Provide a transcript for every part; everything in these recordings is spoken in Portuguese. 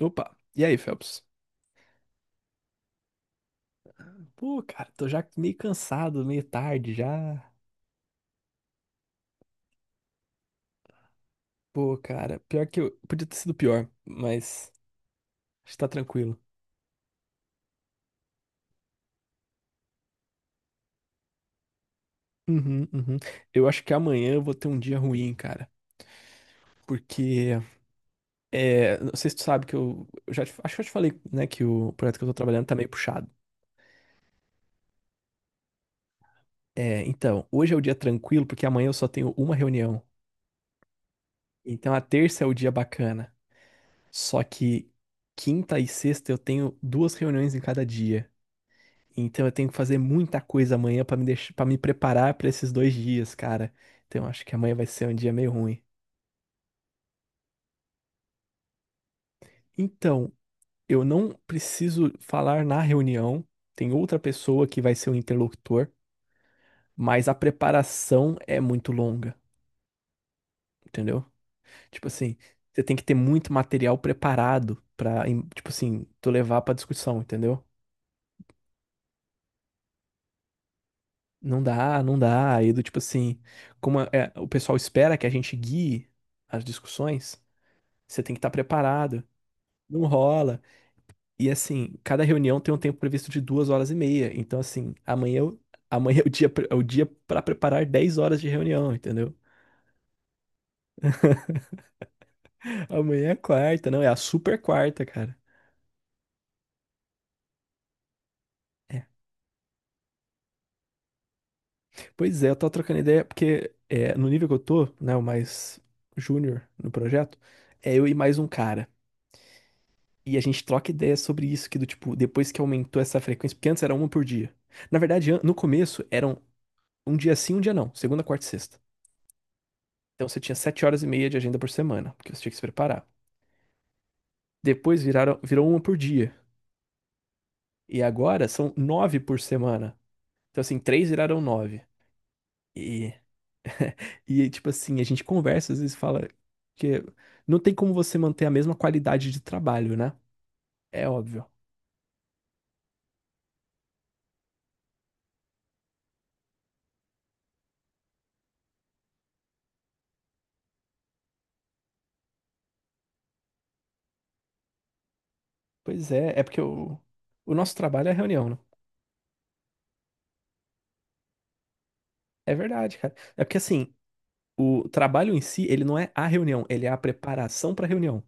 Opa, e aí, Phelps? Pô, cara, tô já meio cansado, meio tarde já. Pô, cara, pior que eu. Podia ter sido pior, mas está tranquilo. Uhum, uhum. Eu acho que amanhã eu vou ter um dia ruim, cara. Porque, não sei se tu sabe que acho que eu te falei, né, que o projeto que eu tô trabalhando tá meio puxado. É, então, hoje é o dia tranquilo, porque amanhã eu só tenho uma reunião. Então a terça é o dia bacana. Só que quinta e sexta eu tenho duas reuniões em cada dia. Então eu tenho que fazer muita coisa amanhã pra me deixar, para me preparar pra esses dois dias, cara. Então eu acho que amanhã vai ser um dia meio ruim. Então, eu não preciso falar na reunião, tem outra pessoa que vai ser o interlocutor, mas a preparação é muito longa, entendeu? Tipo assim, você tem que ter muito material preparado pra, tipo assim, tu levar pra discussão, entendeu? Não dá, não dá. Aí do tipo assim, o pessoal espera que a gente guie as discussões, você tem que estar preparado. Não rola. E assim, cada reunião tem um tempo previsto de 2h30. Então, assim, amanhã, amanhã é o dia, é o dia para preparar 10 horas de reunião, entendeu? Amanhã é quarta, não, é a super quarta, cara. É. Pois é, eu tô trocando ideia, porque no nível que eu tô, né, o mais júnior no projeto, é eu e mais um cara. E a gente troca ideia sobre isso, que do tipo, depois que aumentou essa frequência, porque antes era uma por dia. Na verdade, no começo eram um dia sim, um dia não, segunda, quarta e sexta. Então você tinha 7h30 de agenda por semana, porque você tinha que se preparar. Depois viraram, virou uma por dia. E agora são nove por semana. Então, assim, três viraram nove. E, e tipo assim, a gente conversa, às vezes fala que não tem como você manter a mesma qualidade de trabalho, né? É óbvio. Pois é, é porque o nosso trabalho é a reunião, né? É verdade, cara. É porque assim, o trabalho em si, ele não é a reunião, ele é a preparação para reunião.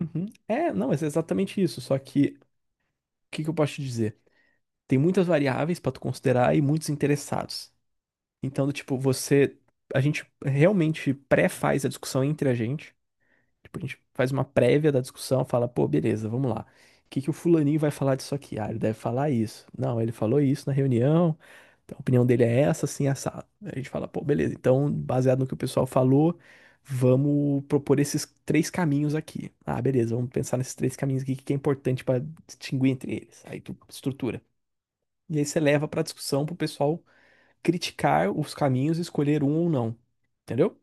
Uhum. É, não, mas é exatamente isso. Só que, o que que eu posso te dizer? Tem muitas variáveis para tu considerar e muitos interessados. Então, do tipo, você, a gente realmente pré-faz a discussão entre a gente. Tipo, a gente faz uma prévia da discussão, fala, pô, beleza, vamos lá. O que que o fulaninho vai falar disso aqui? Ah, ele deve falar isso. Não, ele falou isso na reunião. Então, a opinião dele é essa, assim, assado. A gente fala, pô, beleza. Então, baseado no que o pessoal falou, vamos propor esses três caminhos aqui. Ah, beleza, vamos pensar nesses três caminhos aqui, o que que é importante para distinguir entre eles. Aí tu estrutura. E aí você leva para discussão para o pessoal criticar os caminhos e escolher um ou não. Entendeu?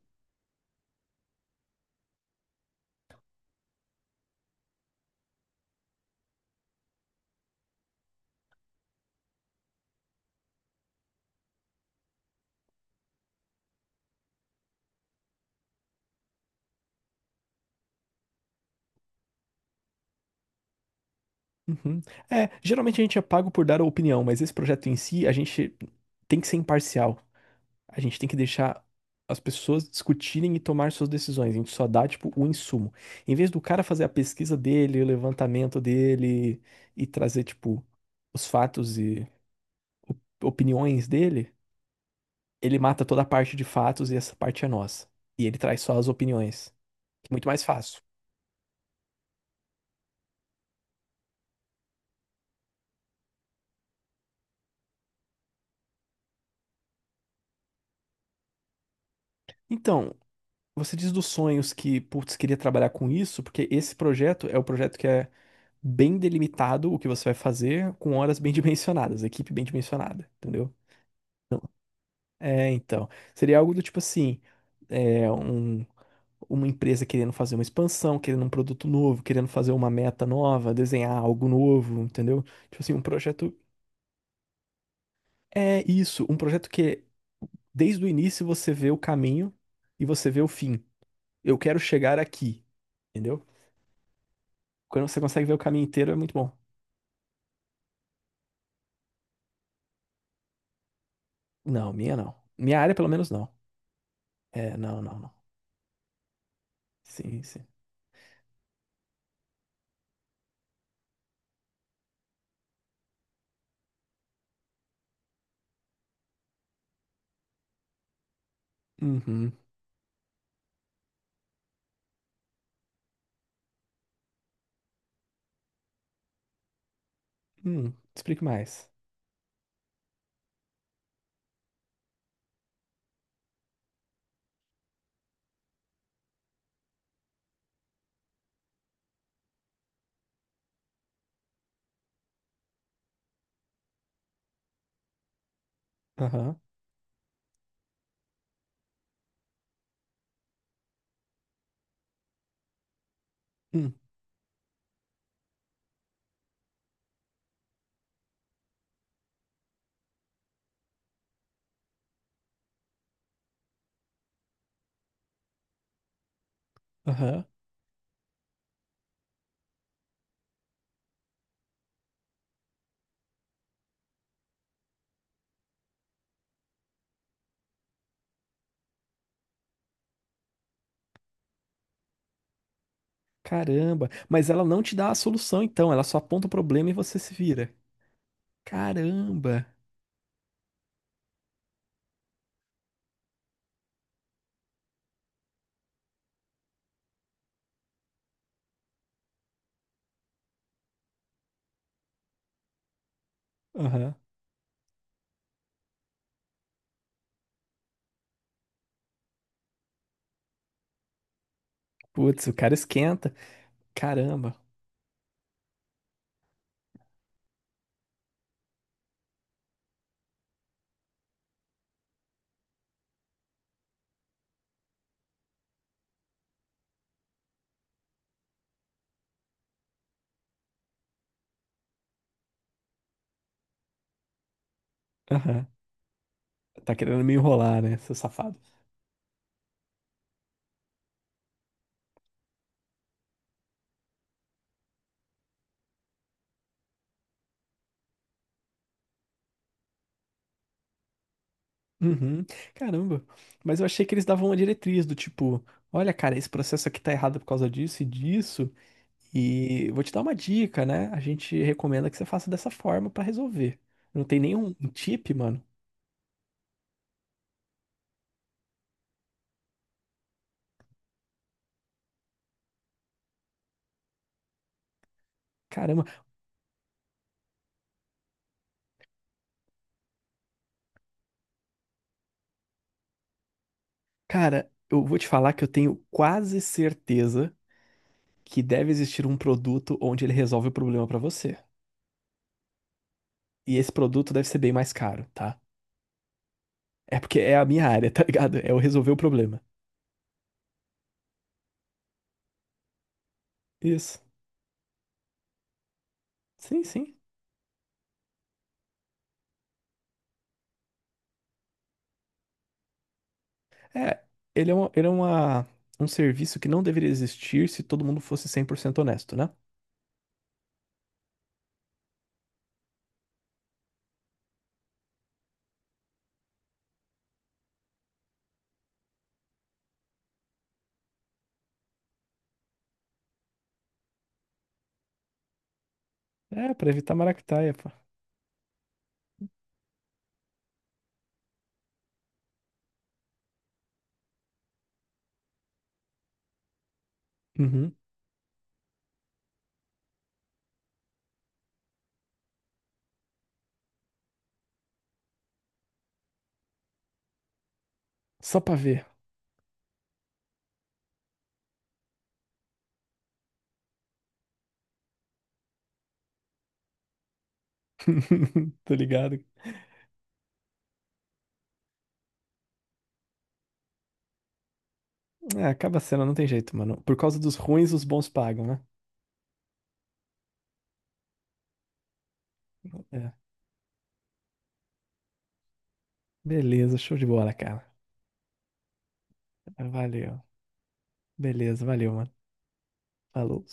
Uhum. É, geralmente a gente é pago por dar a opinião, mas esse projeto em si, a gente tem que ser imparcial. A gente tem que deixar as pessoas discutirem e tomar suas decisões. A gente só dá, tipo, o insumo. Em vez do cara fazer a pesquisa dele, o levantamento dele e trazer, tipo, os fatos e opiniões dele, ele mata toda a parte de fatos e essa parte é nossa. E ele traz só as opiniões. Muito mais fácil. Então, você diz dos sonhos que, putz, queria trabalhar com isso, porque esse projeto é o projeto que é bem delimitado o que você vai fazer, com horas bem dimensionadas, equipe bem dimensionada, entendeu? Não. É, então. Seria algo do tipo assim, é, um- uma empresa querendo fazer uma expansão, querendo um produto novo, querendo fazer uma meta nova, desenhar algo novo, entendeu? Tipo assim, um projeto. É isso, um projeto que desde o início você vê o caminho e você vê o fim. Eu quero chegar aqui, entendeu? Quando você consegue ver o caminho inteiro, é muito bom. Não, minha não. Minha área, pelo menos, não. É, não, não, não. Sim, sim. Uhum. Explique mais. Aham. Hum, aham. Caramba. Mas ela não te dá a solução, então. Ela só aponta o problema e você se vira. Caramba. Aham. Putz, o cara esquenta. Caramba. Aham. Tá querendo me enrolar, né, seu safado? Uhum. Caramba. Mas eu achei que eles davam uma diretriz do tipo, olha, cara, esse processo aqui tá errado por causa disso e disso. E vou te dar uma dica, né? A gente recomenda que você faça dessa forma pra resolver. Não tem nenhum um tip, mano. Caramba, cara, eu vou te falar que eu tenho quase certeza que deve existir um produto onde ele resolve o problema pra você. E esse produto deve ser bem mais caro, tá? É porque é a minha área, tá ligado? É eu resolver o problema. Isso. Sim, sim. É, ele é, uma, ele é uma, um serviço que não deveria existir se todo mundo fosse 100% honesto, né? É, pra evitar maracutaia, pô. Uhum. Só pra ver. Tô ligado. É, acaba sendo, não tem jeito, mano. Por causa dos ruins, os bons pagam, né? É. Beleza, show de bola, cara. Valeu. Beleza, valeu, mano. Falou.